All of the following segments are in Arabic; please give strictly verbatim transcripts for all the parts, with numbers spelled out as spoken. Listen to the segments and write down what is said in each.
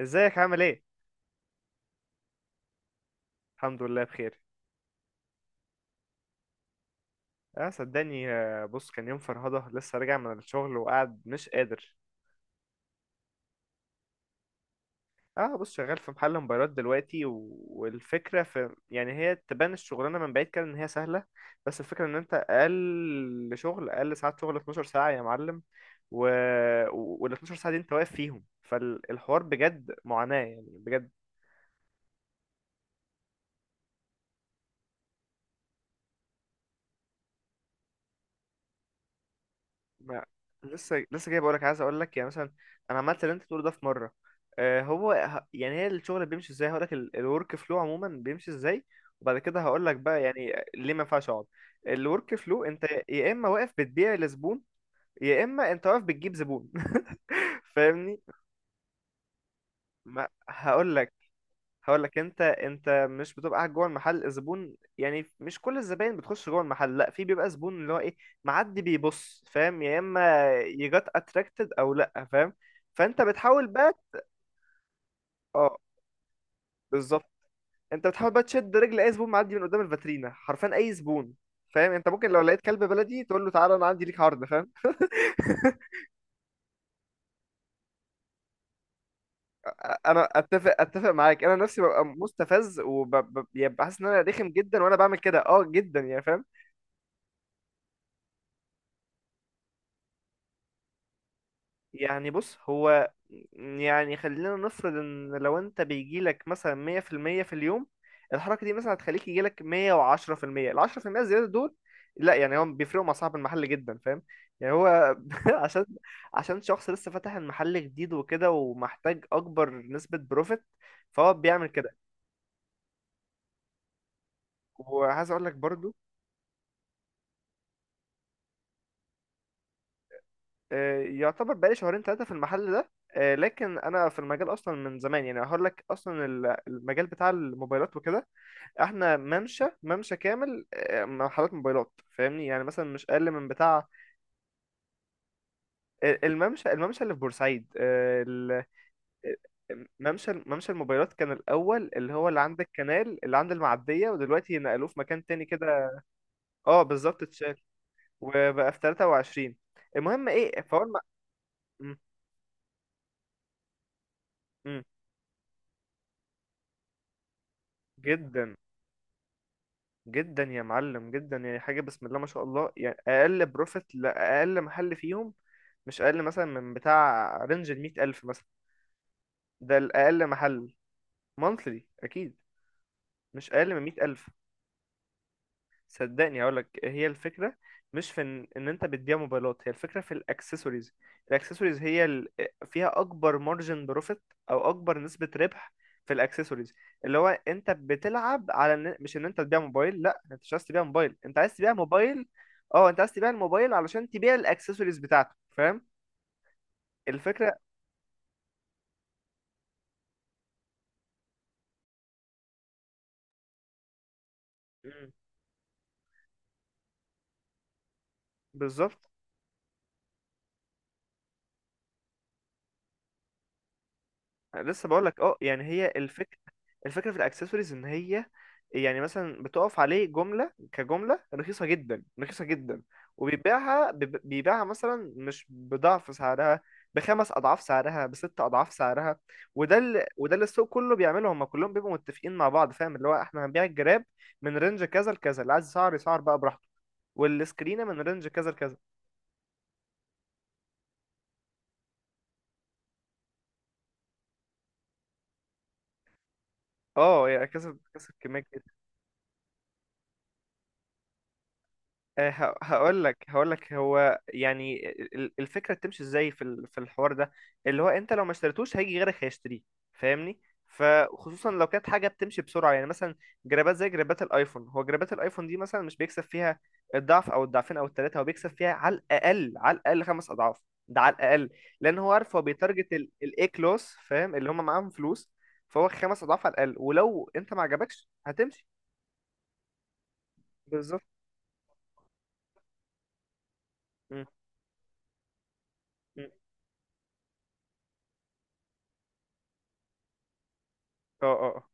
ازيك، عامل ايه؟ الحمد لله، بخير. اه صدقني، آه، بص كان يوم فرهضة، لسه راجع من الشغل وقاعد مش قادر. اه بص شغال في محل موبايلات دلوقتي، و... والفكرة في، يعني هي تبان الشغلانة من بعيد كده ان هي سهلة. بس الفكرة ان انت، اقل شغل اقل ساعات شغل اتناشر ساعة يا معلم. و... وال اثنا عشر ساعة دي انت واقف فيهم، فالحوار بجد معاناة، يعني بجد. ما لسه لسه جاي بقولك، عايز اقولك يعني مثلا، انا عملت اللي انت بتقوله ده في مره. آه هو ه- يعني هي الشغل بيمشي ازاي، هقولك الورك فلو عموما بيمشي ازاي، وبعد كده هقولك بقى يعني ليه ما ينفعش اقعد. الورك فلو، انت يا اما واقف بتبيع لزبون، يا اما انت واقف بتجيب زبون. فاهمني؟ ما هقولك هقول لك، انت انت مش بتبقى قاعد جوه المحل، الزبون يعني مش كل الزباين بتخش جوه المحل، لا في بيبقى زبون اللي هو ايه، معدي بيبص، فاهم؟ يا اما يجات اتراكتد او لا، فاهم؟ فانت بتحاول بقى. اه بالظبط، انت بتحاول بقى تشد رجل اي زبون معدي من قدام الفاترينا، حرفيا اي زبون. فاهم؟ انت ممكن لو لقيت كلب بلدي تقول له تعالى انا عندي ليك عرض، فاهم؟ انا اتفق اتفق معاك، انا نفسي ببقى مستفز وببقى حاسس ان انا رخم جدا وانا بعمل كده، اه جدا يعني، فاهم؟ يعني بص هو، يعني خلينا نفرض ان لو انت بيجيلك مثلا مية في المية في اليوم، الحركة دي مثلا هتخليك يجيلك مية وعشرة في المية، العشرة في المية الزيادة دول، لا يعني هو بيفرقوا مع صاحب المحل جدا، فاهم؟ يعني هو عشان، عشان شخص لسه فاتح المحل جديد وكده ومحتاج اكبر نسبة بروفيت، فهو بيعمل كده. وعايز اقول لك برضو. آه، يعتبر بقالي شهرين ثلاثة في المحل ده. آه، لكن انا في المجال اصلا من زمان، يعني هقول لك اصلا ال- المجال بتاع الموبايلات وكده، احنا ممشى ممشى كامل، آه، محلات موبايلات. فاهمني؟ يعني مثلا مش اقل من بتاع الممشى الممشى اللي في بورسعيد. آه، ال- آه، ممشى ممشى الموبايلات كان الاول، اللي هو اللي عند الكنال، اللي عند المعديه، ودلوقتي نقلوه في مكان تاني كده. اه بالظبط اتشال. وبقى في تلاتة وعشرين. المهم ايه، فهو الم... م- م- جدا، جدا يا معلم، جدا، يعني حاجه بسم الله ما شاء الله، يعني اقل بروفيت لاقل محل فيهم، مش اقل مثلا من بتاع رينج ال ميت ألف مثلا. ده الأقل محل. Monthly أكيد، مش أقل من مية ألف. صدقني هقولك، هي الفكرة مش في إن, إن أنت بتبيع موبايلات، هي الفكرة في الأكسسوارز. الأكسسوارز هي، ال... فيها أكبر مارجن بروفيت، أو أكبر نسبة ربح، في الأكسسوارز. اللي هو أنت بتلعب على إن... مش إن أنت تبيع موبايل، لأ، أنت مش عايز تبيع موبايل، أنت عايز تبيع موبايل. أه، أنت عايز تبيع الموبايل علشان تبيع الأكسسوارز بتاعته، فاهم؟ الفكرة. مم. بالظبط. لسه بقول لك، اه يعني هي الفكره، الفكره في الاكسسوارز ان هي، يعني مثلا بتقف عليه جمله كجمله رخيصه جدا، رخيصه جدا، وبيبيعها، بيب- بيبيعها مثلا مش بضعف سعرها، بخمس اضعاف سعرها، بست اضعاف سعرها. وده اللي وده اللي السوق كله بيعمله، هم كلهم بيبقوا متفقين مع بعض، فاهم؟ اللي هو احنا هنبيع الجراب من رينج كذا لكذا، اللي عايز يسعر يسعر بقى براحته، والسكرينه من رينج كذا لكذا. اه يعني، كسب كسب كميه. هقول لك هقول لك هو يعني ال- الفكره بتمشي ازاي في ال- في الحوار ده، اللي هو انت لو ما اشتريتوش هيجي غيرك هيشتريه، فاهمني؟ فخصوصا لو كانت حاجه بتمشي بسرعه، يعني مثلا جرابات زي جرابات الايفون، هو جرابات الايفون دي مثلا مش بيكسب فيها الضعف او الضعفين او الثلاثه، هو بيكسب فيها على الاقل، على الاقل خمس اضعاف، ده على الاقل. لان هو عارف هو بيتارجت الاي كلاس، فاهم؟ اللي هم معاهم فلوس، فهو خمس اضعاف على الاقل، ولو انت ما عجبكش هتمشي. بالظبط. م- م. اه، اه،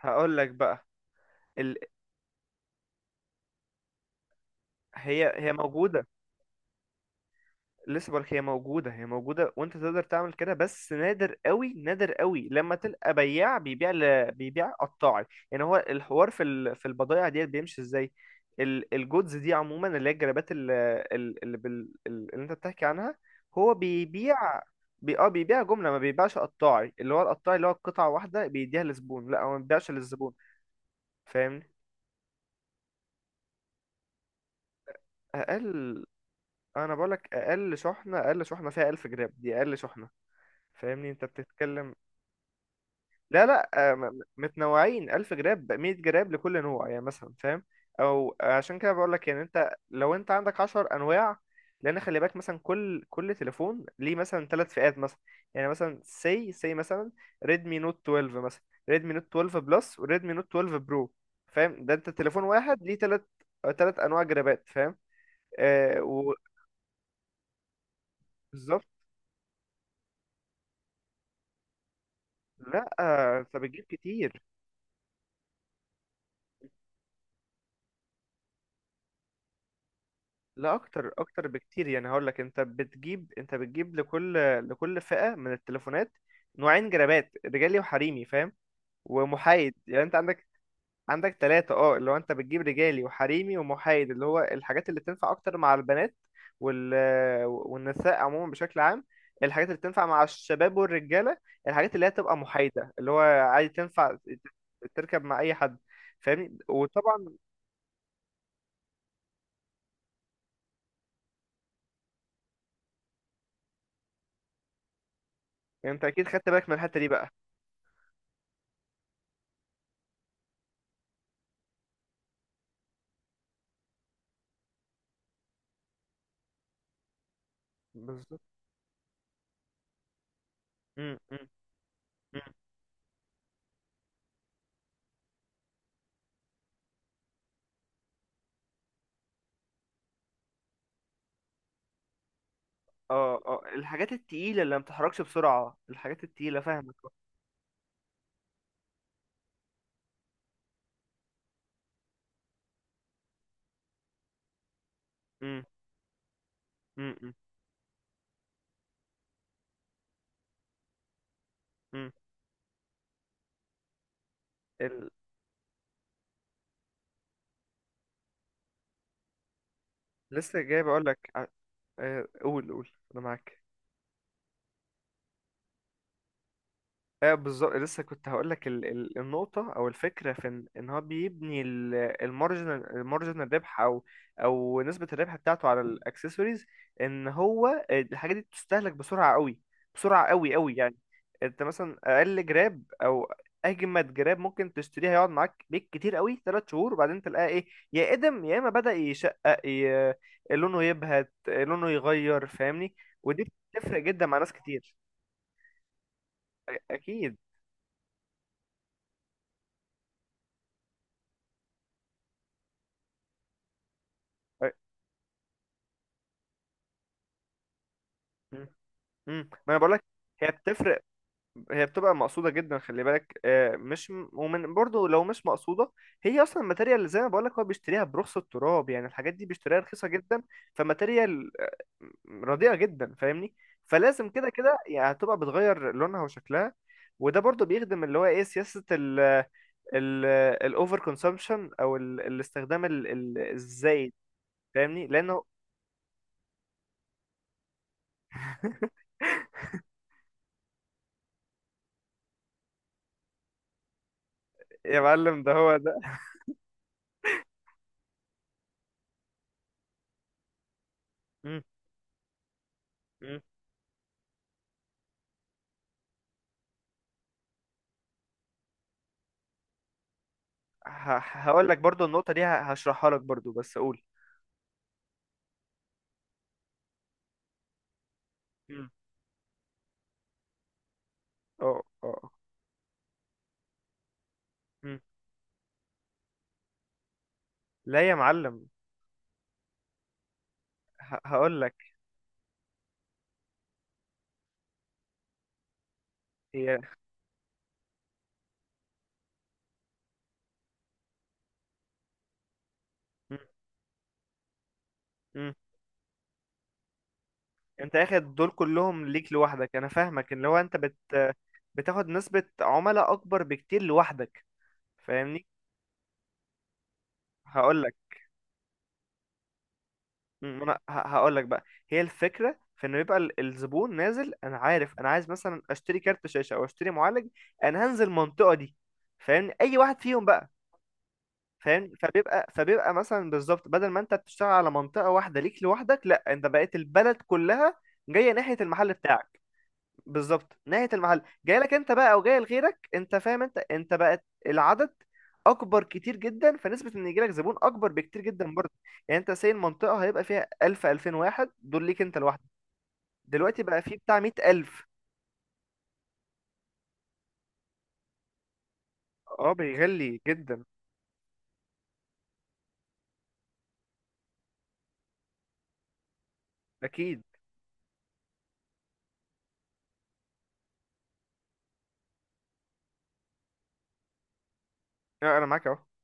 هقول لك بقى، ال... هي هي موجودة. لسه بقولك، هي موجودة هي موجودة، وانت تقدر تعمل كده، بس نادر قوي نادر قوي لما تلقى بياع بيبيع ل... بيبيع قطاعي. يعني هو الحوار في ال... في البضائع ديت بيمشي ازاي، ال... الجودز دي عموما، اللي هي الجرابات، ال... ال... اللي, بال... ال- اللي انت بتحكي عنها، هو بيبيع، بي... اه بيبيع جملة، ما بيبيعش قطاعي. اللي هو القطاعي اللي هو قطعة واحدة بيديها للزبون، لا هو ما بيبيعش للزبون. فاهمني؟ اقل انا بقولك اقل شحنة اقل شحنة فيها ألف جرام، دي اقل شحنة. فاهمني؟ انت بتتكلم. لا، لا، آه، م- م- متنوعين ألف جراب، مية جراب لكل نوع يعني مثلا، فاهم؟ او آه، عشان كده بقول لك، يعني انت لو انت عندك عشرة انواع، لان خلي بالك، مثلا كل كل تليفون ليه مثلا ثلاث فئات، مثلا يعني مثلا سي سي، مثلا ريدمي نوت اثنا عشر مثلا، ريدمي نوت اتناشر بلس وريدمي نوت اتناشر برو، فاهم؟ ده انت تليفون واحد ليه ثلاث ثلاث انواع جرابات، فاهم؟ آه. وبالظبط. لا، آه، انت بتجيب كتير. لا، اكتر اكتر بكتير، يعني هقول لك، انت بتجيب انت بتجيب لكل لكل فئة من التليفونات نوعين جرابات، رجالي وحريمي، فاهم؟ ومحايد، يعني انت عندك، عندك ثلاثة، اه اللي هو انت بتجيب رجالي وحريمي ومحايد، اللي هو الحاجات اللي تنفع اكتر مع البنات، وال والنساء عموما بشكل عام، الحاجات اللي تنفع مع الشباب والرجالة، الحاجات اللي هي تبقى محايدة، اللي هو عادي تنفع تركب مع اي حد، فاهمني؟ وطبعا انت اكيد خدت بالك من الحتة دي بقى. بالظبط. مم، مم. مم. اه، اه، الحاجات التقيلة اللي ما بتتحركش بسرعة، الحاجات التقيلة، فاهمك. امم. امم. امم. ال... لسه جاي بقول لك. قول، قول، انا معاك. ايه بالظبط، لسه كنت هقول لك ال... ال... النقطه او الفكره في ان, إن هو بيبني ال- المارجنال المارجنال ربح، او او نسبه الربح بتاعته على الاكسسوارز، ان هو الحاجه دي بتستهلك بسرعه قوي، بسرعه قوي قوي يعني، انت مثلا اقل جراب او اجمد جراب ممكن تشتريها يقعد معاك بيك كتير قوي، ثلاث شهور، وبعدين تلاقيها ايه، يا ادم يا اما بدأ يشقق، ي... لونه يبهت، لونه يغير، فاهمني؟ ودي بتفرق جدا مع ناس كتير. أ- اكيد. أ- امم، ما انا بقول لك، هي بتفرق، هي بتبقى مقصوده جدا، خلي بالك، آه، مش م- ومن برضو لو مش مقصوده، هي اصلا الماتيريال، اللي زي ما بقول لك، هو بيشتريها برخص التراب، يعني الحاجات دي بيشتريها رخيصه جدا، فماتيريال رديئه جدا، فاهمني؟ فلازم كده كده يعني، هتبقى بتغير لونها وشكلها. وده برضو بيخدم اللي هو ايه، سياسه ال ال الاوفر كونسومشن، او ال- الاستخدام ال- ال- الزايد، فاهمني؟ لانه. يا معلم ده هو. ده. هقول لك برضو النقطة دي ه- هشرحها لك برضو، بس قول. مم. اه، اه. مم. لا يا معلم، هقول لك، هي. مم. مم. انت اخد دول كلهم ليك لوحدك، انا فاهمك، ان لو انت بت بتاخد نسبة عملاء اكبر بكتير لوحدك، فاهمني؟ هقول لك، انا هقول لك بقى، هي الفكرة في انه يبقى ال- الزبون نازل انا عارف انا عايز مثلا اشتري كارت شاشة او اشتري معالج، انا هنزل المنطقة دي، فاهمني؟ اي واحد فيهم بقى، فاهم؟ فبيبقى فبيبقى مثلا بالظبط، بدل ما انت بتشتغل على منطقة واحدة ليك لوحدك، لا انت بقيت البلد كلها جاية ناحية المحل بتاعك. بالظبط، ناحية المحل، جاي لك انت بقى او جاي لغيرك، انت فاهم، انت انت بقت العدد اكبر كتير جدا، فنسبة ان يجيلك زبون اكبر بكتير جدا برضه. يعني انت ساي المنطقة هيبقى فيها ألف ألفين واحد، دول ليك انت لوحدك. دلوقتي بقى فيه بتاع مية ألف. اه بيغلي جدا. اكيد. لا، انا معاك اهو.